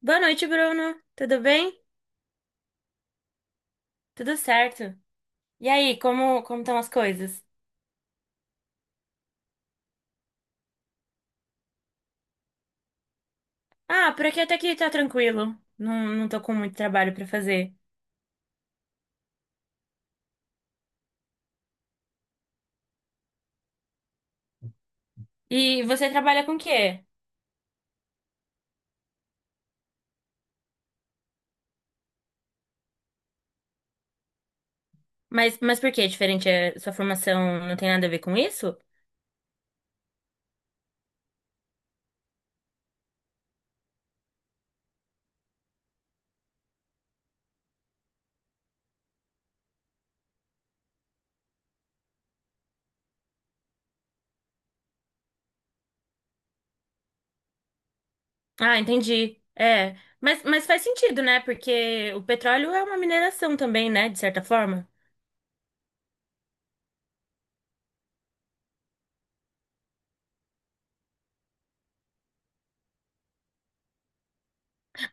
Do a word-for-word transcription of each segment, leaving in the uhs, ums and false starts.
Boa noite, Bruno. Tudo bem? Tudo certo. E aí, como como estão as coisas? Ah, por aqui até que tá tranquilo. Não, não tô com muito trabalho pra fazer. E você trabalha com o quê? Mas, mas por que é diferente? É, sua formação não tem nada a ver com isso? Ah, entendi. É, mas, mas faz sentido, né? Porque o petróleo é uma mineração também, né? De certa forma.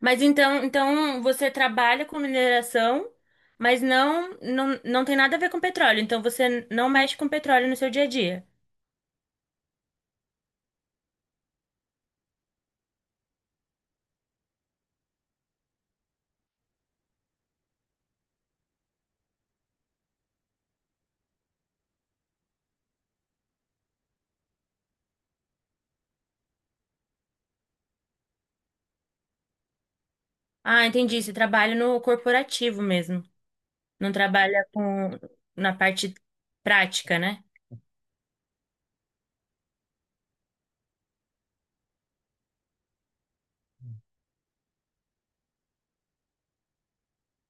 Mas então, então você trabalha com mineração, mas não, não, não tem nada a ver com petróleo. Então você não mexe com petróleo no seu dia a dia. Ah, entendi. Você trabalha no corporativo mesmo. Não trabalha com na parte prática, né?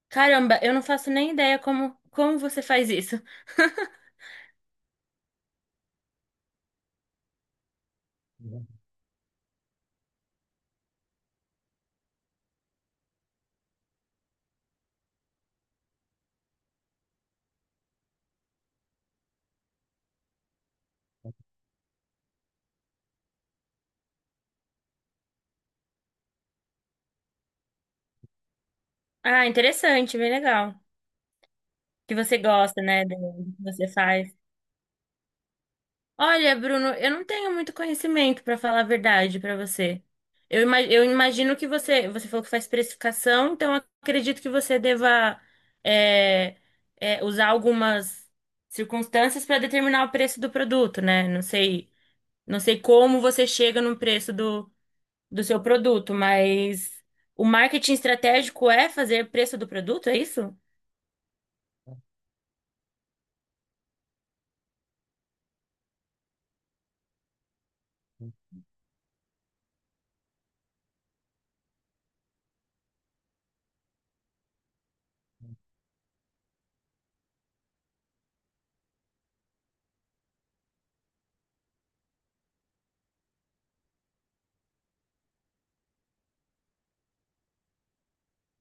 Caramba, eu não faço nem ideia como, como você faz isso. Uhum. Ah, interessante, bem legal. Que você gosta, né, do do que você faz. Olha, Bruno, eu não tenho muito conhecimento, para falar a verdade para você. Eu, ima- eu imagino que você, você falou que faz precificação, então eu acredito que você deva é, é, usar algumas circunstâncias para determinar o preço do produto, né? Não sei, não sei como você chega no preço do, do seu produto, mas o marketing estratégico é fazer preço do produto, é isso?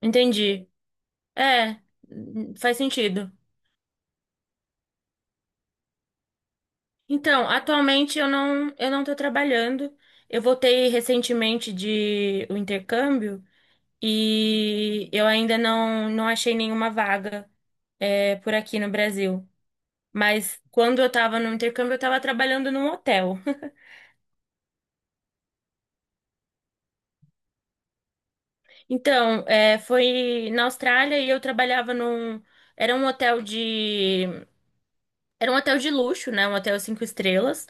Entendi. É, hum, Faz sentido. Então, atualmente eu não eu não estou trabalhando. Eu voltei recentemente de o intercâmbio e eu ainda não, não achei nenhuma vaga é, por aqui no Brasil. Mas quando eu estava no intercâmbio, eu estava trabalhando num hotel. Então, é, foi na Austrália e eu trabalhava num. Era um hotel de. Era um hotel de luxo, né? Um hotel cinco estrelas.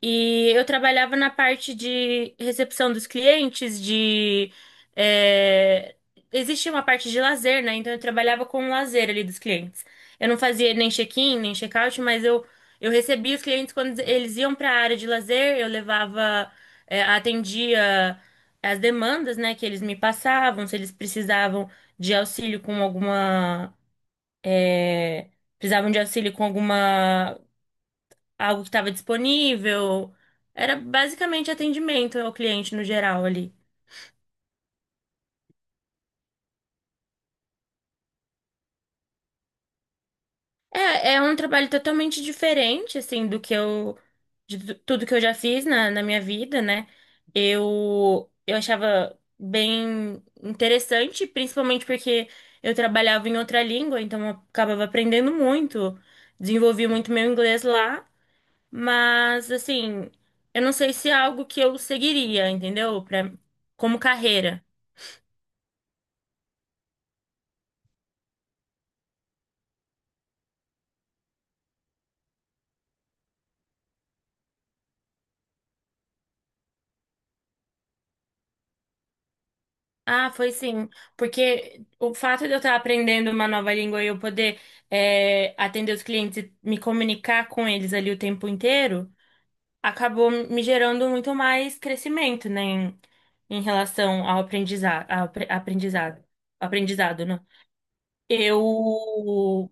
E eu trabalhava na parte de recepção dos clientes, de. é, Existia uma parte de lazer, né? Então eu trabalhava com o lazer ali dos clientes. Eu não fazia nem check-in, nem check-out, mas eu, eu recebia os clientes quando eles iam para a área de lazer, eu levava, é, atendia as demandas, né, que eles me passavam, se eles precisavam de auxílio com alguma é, precisavam de auxílio com alguma algo que estava disponível. Era basicamente atendimento ao cliente no geral ali. É, é um trabalho totalmente diferente, assim, do que eu, de tu- tudo que eu já fiz na, na minha vida, né? Eu, eu achava bem interessante, principalmente porque eu trabalhava em outra língua, então eu acabava aprendendo muito, desenvolvi muito meu inglês lá, mas, assim, eu não sei se é algo que eu seguiria, entendeu? Pra, como carreira. Ah, foi sim. Porque o fato de eu estar aprendendo uma nova língua e eu poder é, atender os clientes e me comunicar com eles ali o tempo inteiro, acabou me gerando muito mais crescimento, né, em, em relação ao aprendizado, ao apre- aprendizado, aprendizado, né? Eu,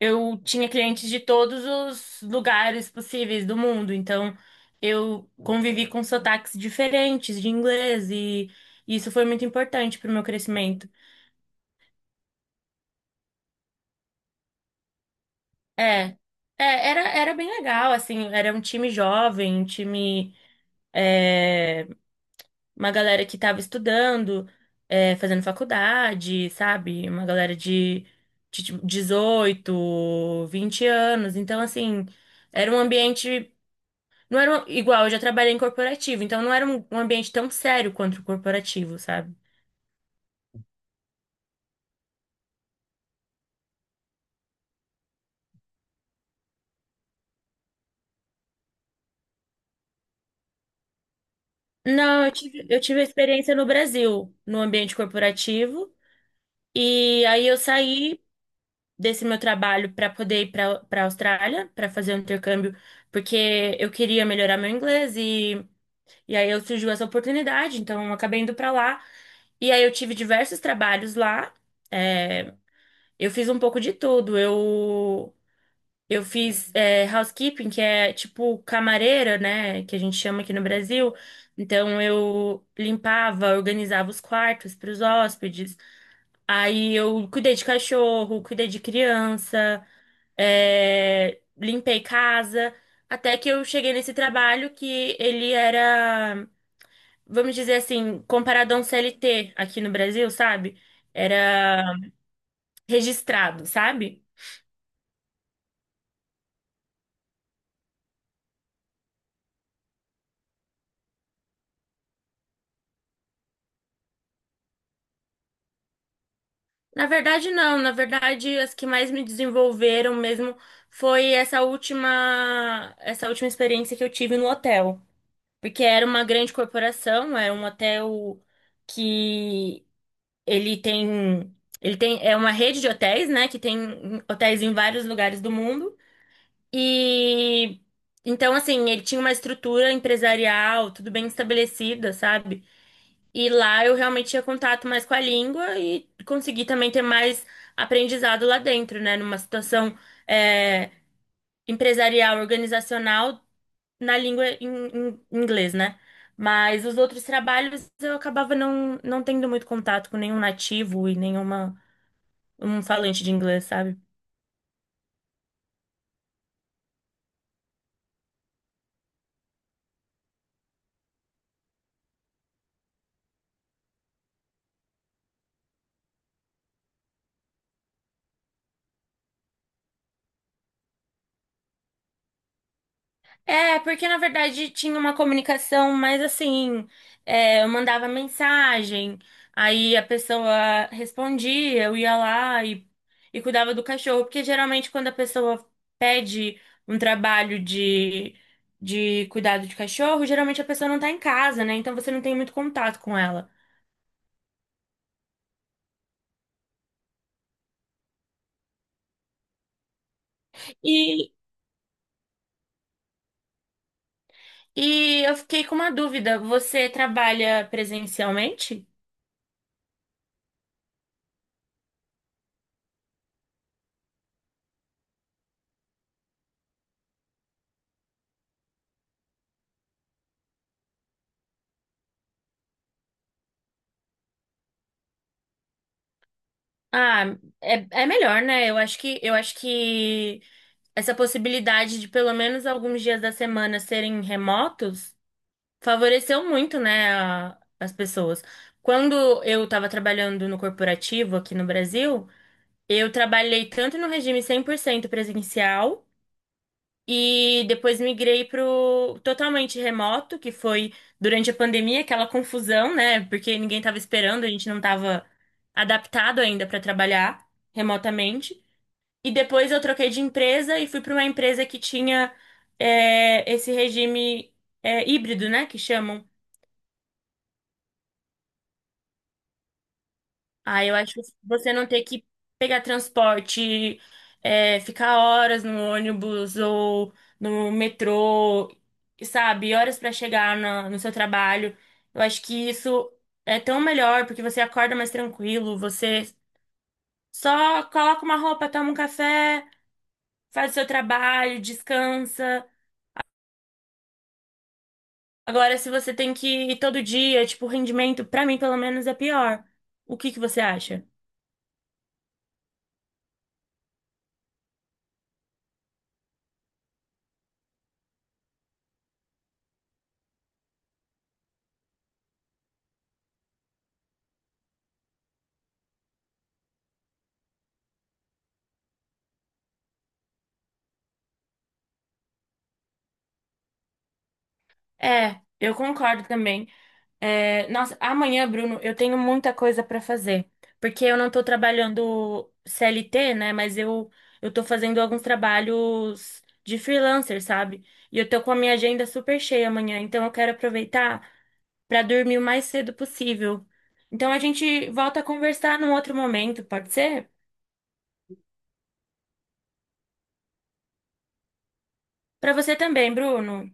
eu tinha clientes de todos os lugares possíveis do mundo, então eu convivi com sotaques diferentes de inglês e isso foi muito importante para o meu crescimento. É, é, era, Era bem legal, assim, era um time jovem, um time, é, uma galera que tava estudando, é, fazendo faculdade, sabe? Uma galera de, de tipo, dezoito, vinte anos, então, assim, era um ambiente, não era um- igual, eu já trabalhei em corporativo, então não era um, um ambiente tão sério quanto o corporativo, sabe? Não, eu tive, eu tive a experiência no Brasil, no ambiente corporativo, e aí eu saí desse meu trabalho para poder ir para para Austrália, para fazer um intercâmbio, porque eu queria melhorar meu inglês e, e aí eu surgiu essa oportunidade, então eu acabei indo para lá. E aí eu tive diversos trabalhos lá. É, eu fiz um pouco de tudo. Eu eu fiz é, housekeeping, que é tipo camareira, né? Que a gente chama aqui no Brasil. Então eu limpava, organizava os quartos para os hóspedes. Aí eu cuidei de cachorro, cuidei de criança, é, limpei casa. Até que eu cheguei nesse trabalho que ele era, vamos dizer assim, comparado a um C L T aqui no Brasil, sabe? Era registrado, sabe? Na verdade, não. Na verdade, as que mais me desenvolveram mesmo foi essa última, essa última experiência que eu tive no hotel. Porque era uma grande corporação, era um hotel que ele tem, ele tem, é uma rede de hotéis, né, que tem hotéis em vários lugares do mundo. E então assim, ele tinha uma estrutura empresarial, tudo bem estabelecida, sabe? E lá eu realmente tinha contato mais com a língua e consegui também ter mais aprendizado lá dentro, né? Numa situação é, empresarial, organizacional, na língua em, em inglês, né? Mas os outros trabalhos eu acabava não, não tendo muito contato com nenhum nativo e nenhuma um falante de inglês, sabe? É, porque na verdade tinha uma comunicação mais assim, é, eu mandava mensagem, aí a pessoa respondia, eu ia lá e, e cuidava do cachorro, porque geralmente quando a pessoa pede um trabalho de, de cuidado de cachorro, geralmente a pessoa não tá em casa, né? Então você não tem muito contato com ela. E, e eu fiquei com uma dúvida, você trabalha presencialmente? Ah, é, é melhor, né? Eu acho que, eu acho que essa possibilidade de pelo menos alguns dias da semana serem remotos favoreceu muito, né, a- as pessoas. Quando eu estava trabalhando no corporativo aqui no Brasil, eu trabalhei tanto no regime cem por cento presencial e depois migrei para o totalmente remoto, que foi durante a pandemia, aquela confusão, né, porque ninguém estava esperando, a gente não estava adaptado ainda para trabalhar remotamente. E depois eu troquei de empresa e fui para uma empresa que tinha é, esse regime é, híbrido, né? Que chamam. Ah, eu acho que você não ter que pegar transporte, é, ficar horas no ônibus ou no metrô, sabe? Horas para chegar na- no seu trabalho. Eu acho que isso é tão melhor porque você acorda mais tranquilo, você só coloca uma roupa, toma um café, faz o seu trabalho, descansa. Agora, se você tem que ir todo dia, tipo, o rendimento, pra mim, pelo menos, é pior. O que que você acha? É, eu concordo também. É, nossa, amanhã, Bruno, eu tenho muita coisa pra fazer. Porque eu não tô trabalhando C L T, né? Mas eu, eu tô fazendo alguns trabalhos de freelancer, sabe? E eu tô com a minha agenda super cheia amanhã. Então, eu quero aproveitar pra dormir o mais cedo possível. Então, a gente volta a conversar num outro momento, pode ser? Pra você também, Bruno.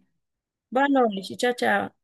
Boa noite. Tchau, tchau.